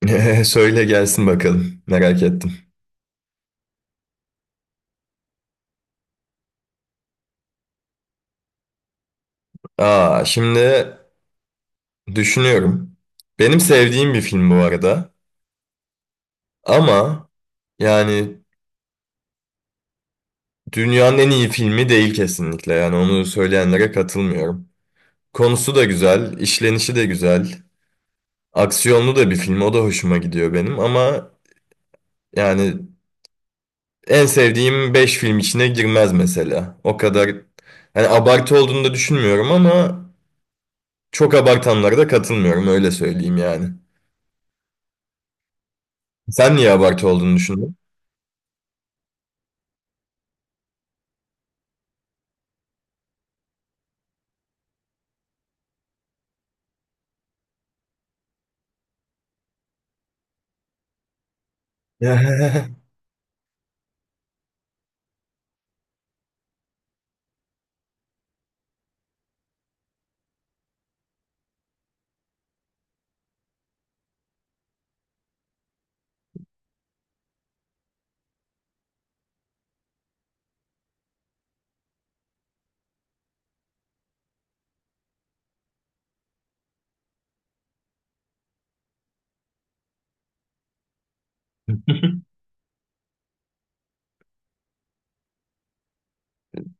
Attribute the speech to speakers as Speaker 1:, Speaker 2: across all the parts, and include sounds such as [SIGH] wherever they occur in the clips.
Speaker 1: [LAUGHS] Söyle gelsin bakalım. Merak ettim. Şimdi düşünüyorum. Benim sevdiğim bir film bu arada. Ama yani dünyanın en iyi filmi değil kesinlikle. Yani onu söyleyenlere katılmıyorum. Konusu da güzel, işlenişi de güzel. Aksiyonlu da bir film. O da hoşuma gidiyor benim. Ama yani en sevdiğim 5 film içine girmez mesela. O kadar yani abartı olduğunu da düşünmüyorum ama çok abartanlara da katılmıyorum öyle söyleyeyim yani. Sen niye abartı olduğunu düşündün? [LAUGHS]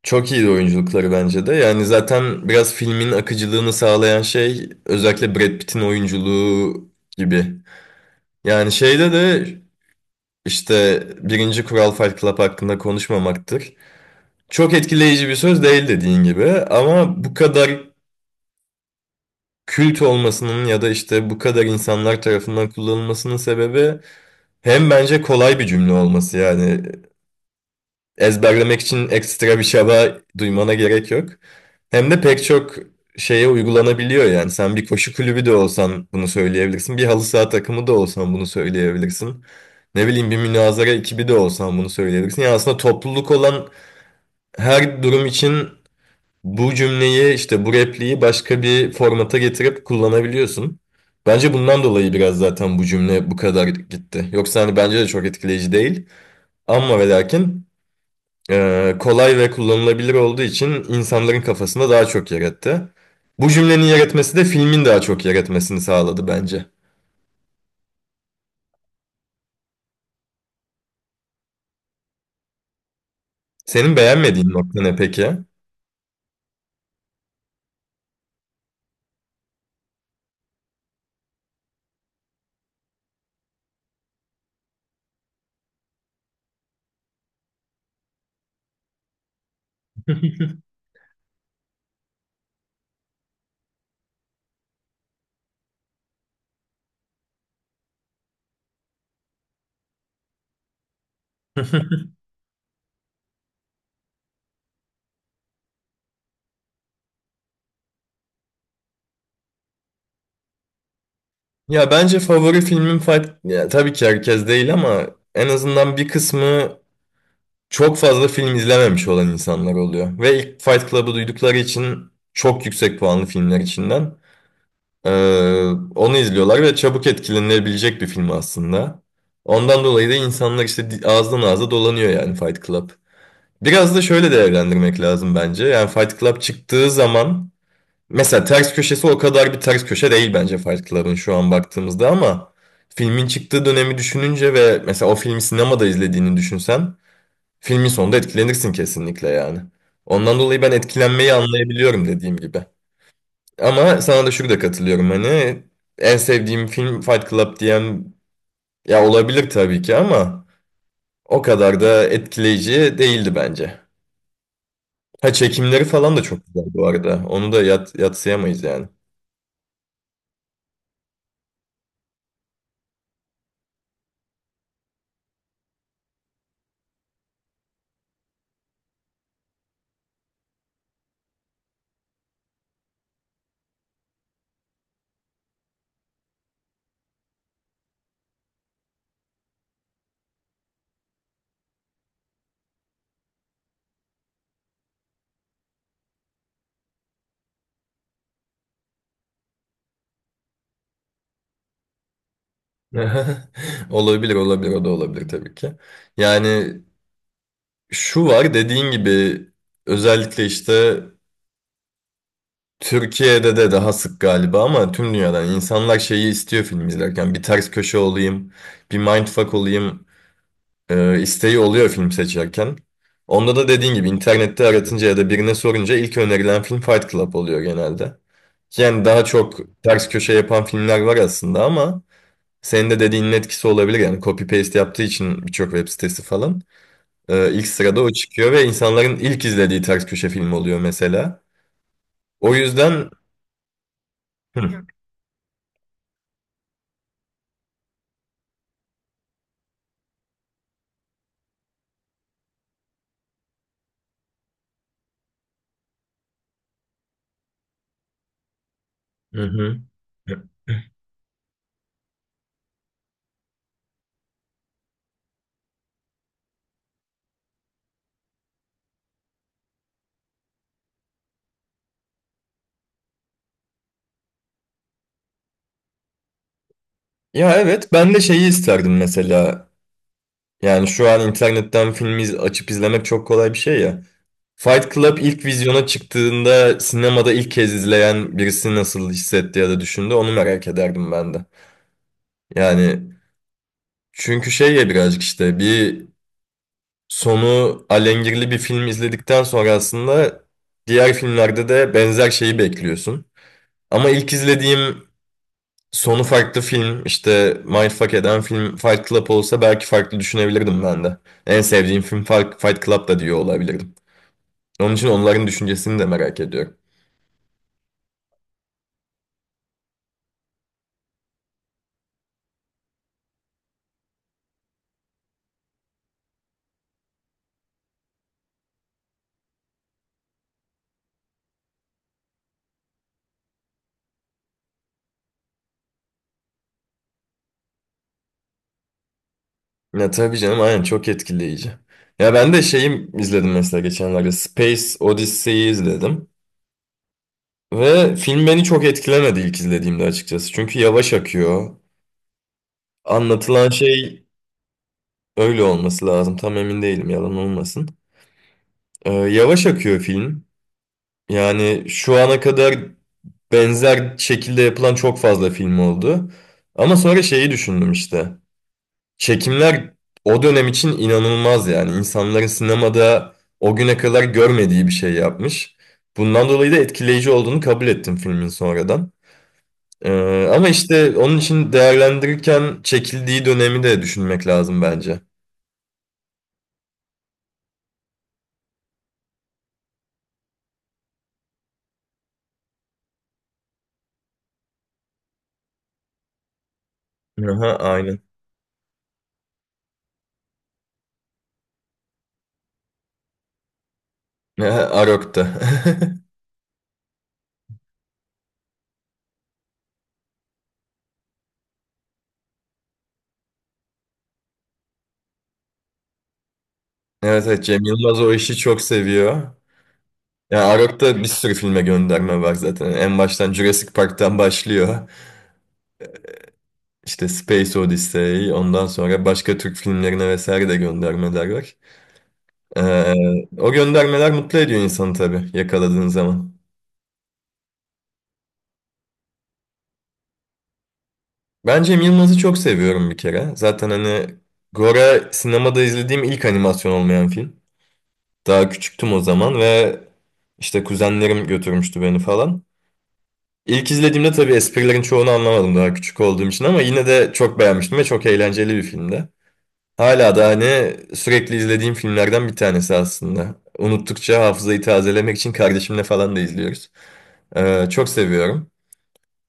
Speaker 1: Çok iyi oyunculukları bence de. Yani zaten biraz filmin akıcılığını sağlayan şey özellikle Brad Pitt'in oyunculuğu gibi. Yani şeyde de işte birinci kural Fight Club hakkında konuşmamaktır. Çok etkileyici bir söz değil dediğin gibi ama bu kadar kült olmasının ya da işte bu kadar insanlar tarafından kullanılmasının sebebi hem bence kolay bir cümle olması yani ezberlemek için ekstra bir çaba duymana gerek yok. Hem de pek çok şeye uygulanabiliyor yani. Sen bir koşu kulübü de olsan bunu söyleyebilirsin. Bir halı saha takımı da olsan bunu söyleyebilirsin. Ne bileyim bir münazara ekibi de olsan bunu söyleyebilirsin. Yani aslında topluluk olan her durum için bu cümleyi işte bu repliği başka bir formata getirip kullanabiliyorsun. Bence bundan dolayı biraz zaten bu cümle bu kadar gitti. Yoksa hani bence de çok etkileyici değil. Ama ve lakin kolay ve kullanılabilir olduğu için insanların kafasında daha çok yer etti. Bu cümlenin yer etmesi de filmin daha çok yer etmesini sağladı bence. Senin beğenmediğin nokta ne peki? [LAUGHS] Ya bence favori filmim Fight... Ya, tabii ki herkes değil ama en azından bir kısmı çok fazla film izlememiş olan insanlar oluyor. Ve ilk Fight Club'ı duydukları için çok yüksek puanlı filmler içinden. Ee, Onu izliyorlar ve çabuk etkilenilebilecek bir film aslında. Ondan dolayı da insanlar işte ağızdan ağza dolanıyor yani Fight Club. Biraz da şöyle değerlendirmek lazım bence. Yani Fight Club çıktığı zaman mesela ters köşesi o kadar bir ters köşe değil bence Fight Club'ın şu an baktığımızda ama filmin çıktığı dönemi düşününce ve mesela o filmi sinemada izlediğini düşünsen filmin sonunda etkilenirsin kesinlikle yani. Ondan dolayı ben etkilenmeyi anlayabiliyorum dediğim gibi. Ama sana da şurada katılıyorum hani en sevdiğim film Fight Club diyen ya olabilir tabii ki ama o kadar da etkileyici değildi bence. Ha çekimleri falan da çok güzel bu arada. Onu da yatsıyamayız yani. [LAUGHS] Olabilir olabilir o da olabilir tabii ki. Yani şu var dediğin gibi özellikle işte Türkiye'de de daha sık galiba ama tüm dünyadan insanlar şeyi istiyor film izlerken. Bir ters köşe olayım, bir mindfuck olayım. İsteği oluyor film seçerken. Onda da dediğin gibi internette aratınca ya da birine sorunca ilk önerilen film Fight Club oluyor genelde. Yani daha çok ters köşe yapan filmler var aslında ama senin de dediğinin etkisi olabilir. Yani copy paste yaptığı için birçok web sitesi falan ilk sırada o çıkıyor ve insanların ilk izlediği ters köşe film oluyor mesela. O yüzden Hı. Hı hı. Ya evet ben de şeyi isterdim mesela. Yani şu an internetten film açıp izlemek çok kolay bir şey ya. Fight Club ilk vizyona çıktığında sinemada ilk kez izleyen birisi nasıl hissetti ya da düşündü onu merak ederdim ben de. Yani çünkü şey ya birazcık işte bir sonu alengirli bir film izledikten sonra aslında diğer filmlerde de benzer şeyi bekliyorsun. Ama ilk izlediğim sonu farklı film işte Mindfuck eden film Fight Club olsa belki farklı düşünebilirdim ben de. En sevdiğim film Fight Club da diyor olabilirdim. Onun için onların düşüncesini de merak ediyorum. Ya tabii canım aynen çok etkileyici. Ya ben de şeyi izledim mesela geçenlerde Space Odyssey'i izledim. Ve film beni çok etkilemedi ilk izlediğimde açıkçası. Çünkü yavaş akıyor. Anlatılan şey öyle olması lazım. Tam emin değilim yalan olmasın. Yavaş akıyor film. Yani şu ana kadar benzer şekilde yapılan çok fazla film oldu. Ama sonra şeyi düşündüm işte. Çekimler o dönem için inanılmaz yani. İnsanların sinemada o güne kadar görmediği bir şey yapmış. Bundan dolayı da etkileyici olduğunu kabul ettim filmin sonradan. Ama işte onun için değerlendirirken çekildiği dönemi de düşünmek lazım bence. Aha, aynen. Aha, Arok'ta. [LAUGHS] Evet, evet Cem Yılmaz o işi çok seviyor. Yani Arok'ta bir sürü filme gönderme var zaten. En baştan Jurassic Park'tan başlıyor. İşte Space Odyssey, ondan sonra başka Türk filmlerine vesaire de göndermeler var. Ee, O göndermeler mutlu ediyor insanı tabii yakaladığın zaman. Ben Cem Yılmaz'ı çok seviyorum bir kere. Zaten hani Gora sinemada izlediğim ilk animasyon olmayan film. Daha küçüktüm o zaman ve işte kuzenlerim götürmüştü beni falan. İlk izlediğimde tabii esprilerin çoğunu anlamadım daha küçük olduğum için ama yine de çok beğenmiştim ve çok eğlenceli bir filmdi. Hala da hani sürekli izlediğim filmlerden bir tanesi aslında. Unuttukça hafızayı tazelemek için kardeşimle falan da izliyoruz. Çok seviyorum.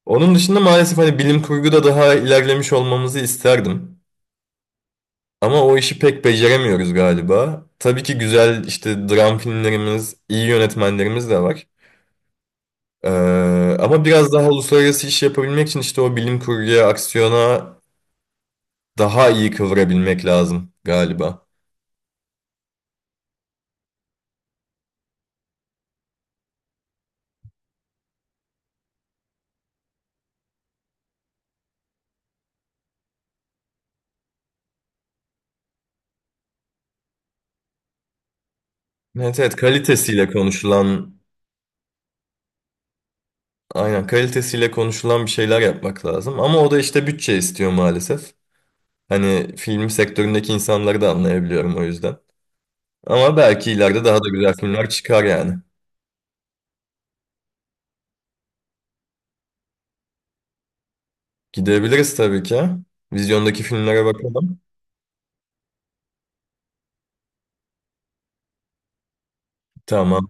Speaker 1: Onun dışında maalesef hani bilim kurguda daha ilerlemiş olmamızı isterdim. Ama o işi pek beceremiyoruz galiba. Tabii ki güzel işte dram filmlerimiz, iyi yönetmenlerimiz de var. Ee, Ama biraz daha uluslararası iş yapabilmek için işte o bilim kurguya, aksiyona daha iyi kıvırabilmek lazım galiba. Evet evet kalitesiyle konuşulan Aynen kalitesiyle konuşulan bir şeyler yapmak lazım. Ama o da işte bütçe istiyor maalesef. Hani film sektöründeki insanları da anlayabiliyorum o yüzden. Ama belki ileride daha da güzel filmler çıkar yani. Gidebiliriz tabii ki. Vizyondaki filmlere bakalım. Tamam.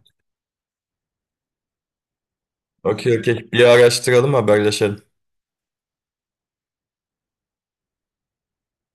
Speaker 1: Okey okey. Bir araştıralım haberleşelim.